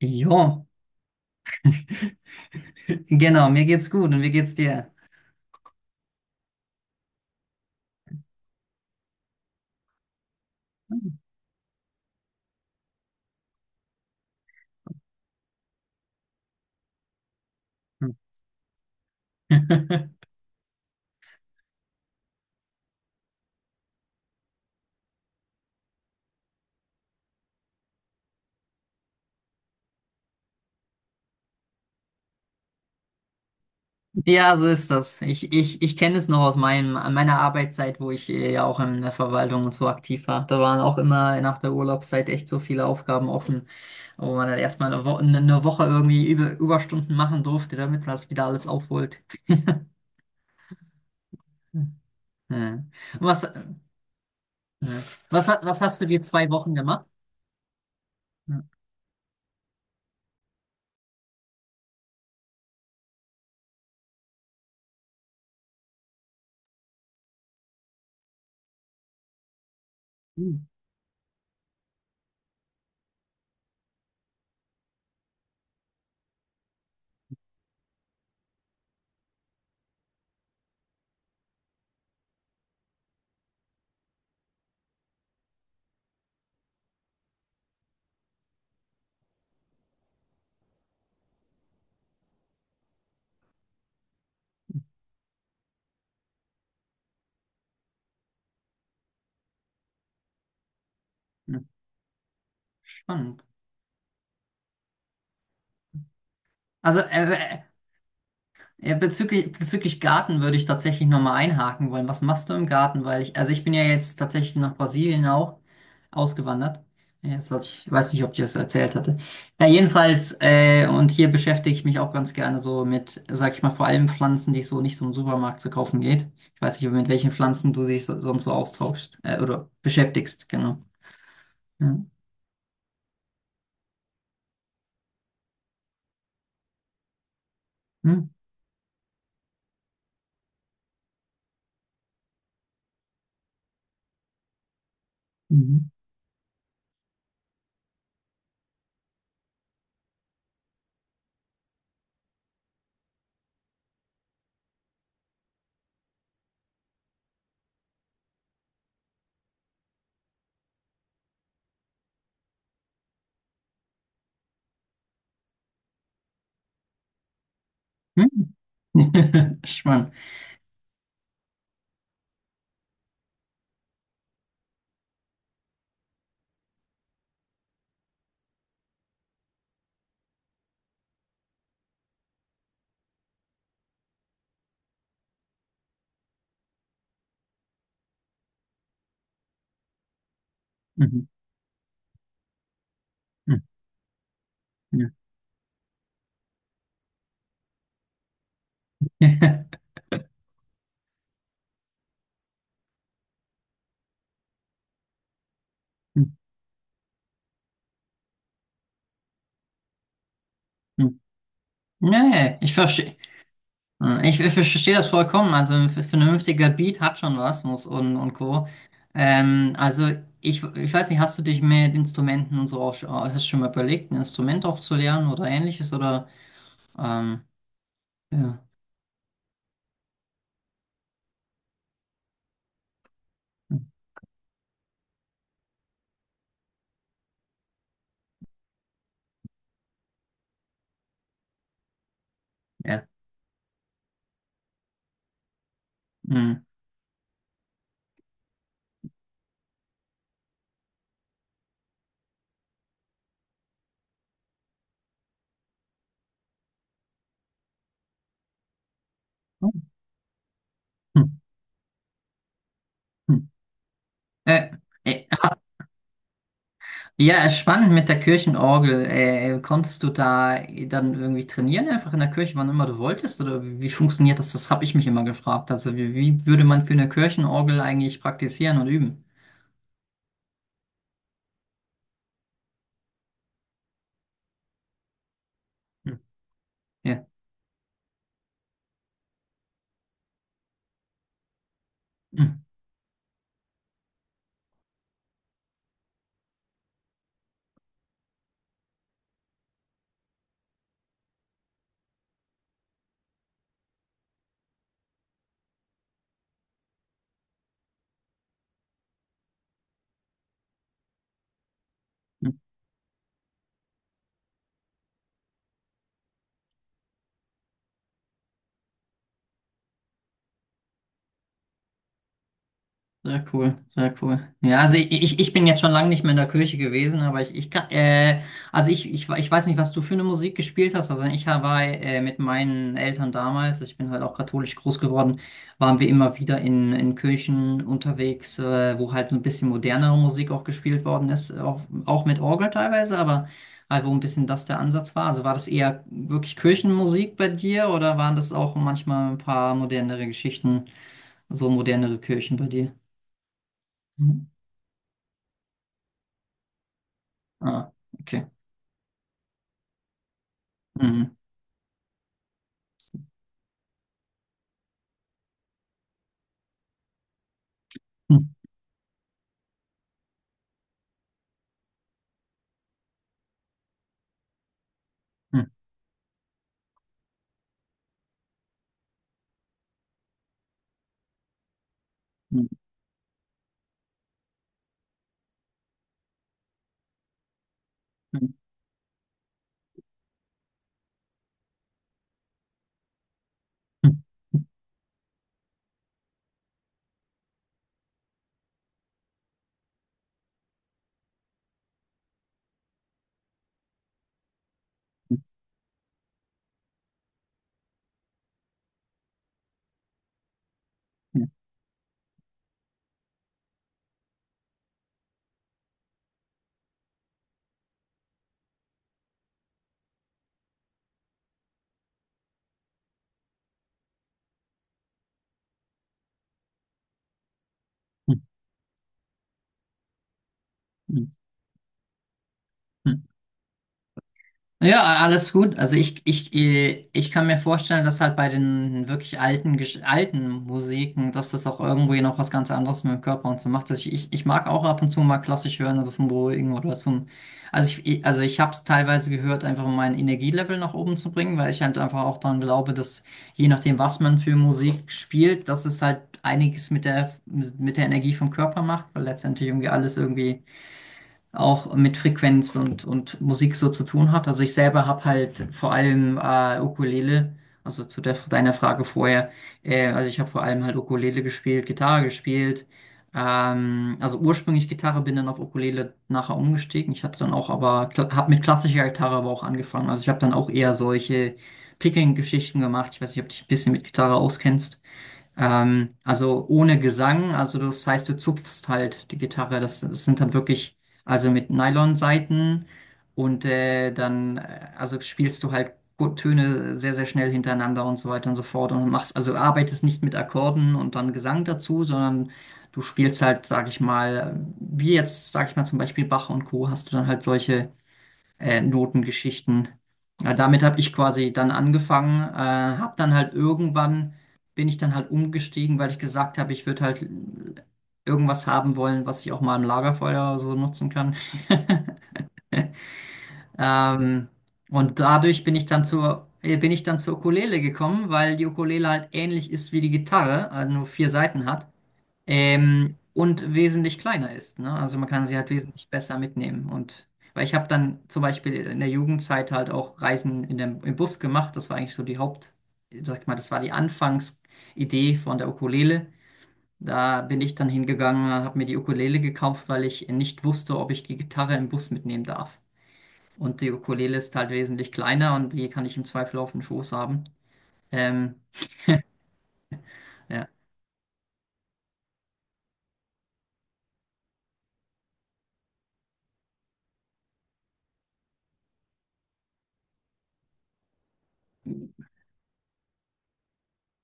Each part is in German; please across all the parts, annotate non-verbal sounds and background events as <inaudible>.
Jo, <laughs> genau, mir geht's gut und wie geht's dir? <laughs> Ja, so ist das. Ich kenne es noch aus meiner Arbeitszeit, wo ich ja auch in der Verwaltung und so aktiv war. Da waren auch immer nach der Urlaubszeit echt so viele Aufgaben offen, wo man dann erstmal eine Woche irgendwie über Überstunden machen durfte, damit man das wieder alles aufholt. <laughs> Hm. Ja. Und Was, ja. Was hast du die zwei Wochen gemacht? Ja. Hm. Ja, spannend. Also, äh, äh, Ja, bezüglich Garten würde ich tatsächlich nochmal einhaken wollen. Was machst du im Garten? Also ich bin ja jetzt tatsächlich nach Brasilien auch ausgewandert. Ja, jetzt hatte ich, weiß nicht, ob ich das erzählt hatte. Ja, jedenfalls, und hier beschäftige ich mich auch ganz gerne so mit, sag ich mal, vor allem Pflanzen, die es so nicht so im Supermarkt zu kaufen geht. Ich weiß nicht, mit welchen Pflanzen du dich so, sonst so austauschst, oder beschäftigst, genau. Ja. Hm. Mhm. Hm. <laughs> Spannend. Mhm. Mhm. Ja. <laughs> Nee, ich verstehe, ich verstehe das vollkommen. Also ein vernünftiger Beat hat schon was muss und Co. Also ich weiß nicht, hast du dich mit Instrumenten und so auch schon, hast du schon mal überlegt, ein Instrument auch zu lernen oder ähnliches, oder ähm, ja. Hm. Ja. Hm. Hm. Hm. Hm. Äh, äh, Ja, spannend mit der Kirchenorgel. Konntest du da dann irgendwie trainieren, einfach in der Kirche, wann immer du wolltest? Oder wie, wie funktioniert das? Das habe ich mich immer gefragt. Also wie, wie würde man für eine Kirchenorgel eigentlich praktizieren und üben? Hm. Ja. Hm. Hm. Sehr cool, sehr cool. Ja, also ich bin jetzt schon lange nicht mehr in der Kirche gewesen, aber ich kann, also ich weiß nicht, was du für eine Musik gespielt hast. Also ich war mit meinen Eltern damals, also ich bin halt auch katholisch groß geworden, waren wir immer wieder in Kirchen unterwegs, wo halt so ein bisschen modernere Musik auch gespielt worden ist, auch, auch mit Orgel teilweise, aber halt wo ein bisschen das der Ansatz war. Also war das eher wirklich Kirchenmusik bei dir oder waren das auch manchmal ein paar modernere Geschichten, so modernere Kirchen bei dir? Mhm. Ah, okay. Mhm. Mhm. Mhm. Mhm. Mhm. Mhm. Mhm. Mhm. Mhm. Ja, alles gut. Also ich kann mir vorstellen, dass halt bei den wirklich alten, alten Musiken, dass das auch irgendwie noch was ganz anderes mit dem Körper und so macht. Also ich mag auch ab und zu mal klassisch hören, also zum Beruhigen oder zum. Also also ich habe es teilweise gehört, einfach um mein Energielevel nach oben zu bringen, weil ich halt einfach auch daran glaube, dass je nachdem, was man für Musik spielt, dass es halt einiges mit mit der Energie vom Körper macht, weil letztendlich irgendwie alles irgendwie auch mit Frequenz und Musik so zu tun hat. Also ich selber habe halt vor allem Ukulele, also zu deiner Frage vorher, also ich habe vor allem halt Ukulele gespielt, Gitarre gespielt, also ursprünglich Gitarre, bin dann auf Ukulele nachher umgestiegen. Ich hatte dann auch aber, habe mit klassischer Gitarre aber auch angefangen. Also ich habe dann auch eher solche Picking-Geschichten gemacht. Ich weiß nicht, ob du dich ein bisschen mit Gitarre auskennst. Also ohne Gesang, also das heißt, du zupfst halt die Gitarre. Das sind dann wirklich, also mit Nylonsaiten und also spielst du halt gut Töne sehr, sehr schnell hintereinander und so weiter und so fort und machst, also arbeitest nicht mit Akkorden und dann Gesang dazu, sondern du spielst halt, sag ich mal, wie jetzt, sag ich mal, zum Beispiel Bach und Co. hast du dann halt solche Notengeschichten. Ja, damit habe ich quasi dann angefangen, habe dann halt irgendwann, bin ich dann halt umgestiegen, weil ich gesagt habe, ich würde halt irgendwas haben wollen, was ich auch mal im Lagerfeuer oder so nutzen kann. <laughs> Ähm, und dadurch bin ich dann bin ich dann zur Ukulele gekommen, weil die Ukulele halt ähnlich ist wie die Gitarre, nur vier Saiten hat. Und wesentlich kleiner ist, ne? Also man kann sie halt wesentlich besser mitnehmen. Und weil ich habe dann zum Beispiel in der Jugendzeit halt auch Reisen in im Bus gemacht. Das war eigentlich so die Haupt, sag ich mal, das war die Anfangsidee von der Ukulele. Da bin ich dann hingegangen, habe mir die Ukulele gekauft, weil ich nicht wusste, ob ich die Gitarre im Bus mitnehmen darf. Und die Ukulele ist halt wesentlich kleiner und die kann ich im Zweifel auf den Schoß haben. Ähm, ja.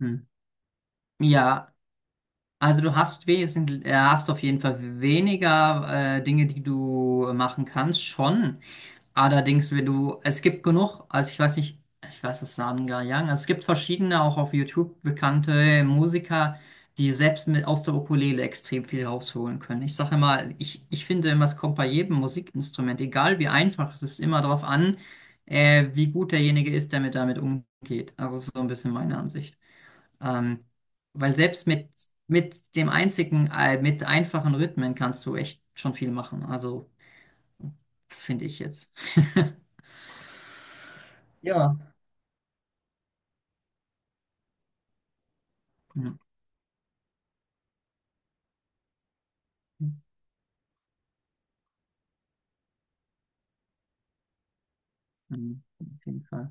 Hm. Ja, also du hast wesentlich, hast auf jeden Fall weniger Dinge, die du machen kannst, schon. Allerdings, wenn du, es gibt genug, also ich weiß nicht, ich weiß es sagen gar nicht, es gibt verschiedene, auch auf YouTube bekannte Musiker, die selbst mit aus der Ukulele extrem viel rausholen können. Ich sage immer, ich finde immer, es kommt bei jedem Musikinstrument, egal wie einfach, es ist immer darauf an, wie gut derjenige ist, der mit damit umgeht. Also das ist so ein bisschen meine Ansicht. Ähm, weil selbst mit mit einfachen Rhythmen kannst du echt schon viel machen. Also finde ich jetzt. <laughs> Ja. Mhm. Mhm. Auf jeden Fall.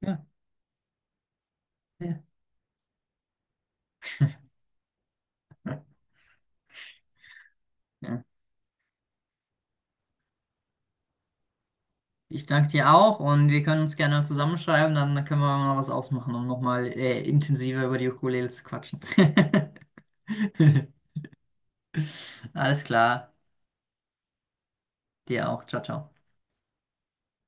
Ja. Ja. Ja. Ich danke dir auch und wir können uns gerne zusammenschreiben, dann können wir mal was ausmachen, um nochmal intensiver über die Ukulele zu quatschen. <laughs> Alles klar, dir auch. Ciao, ciao.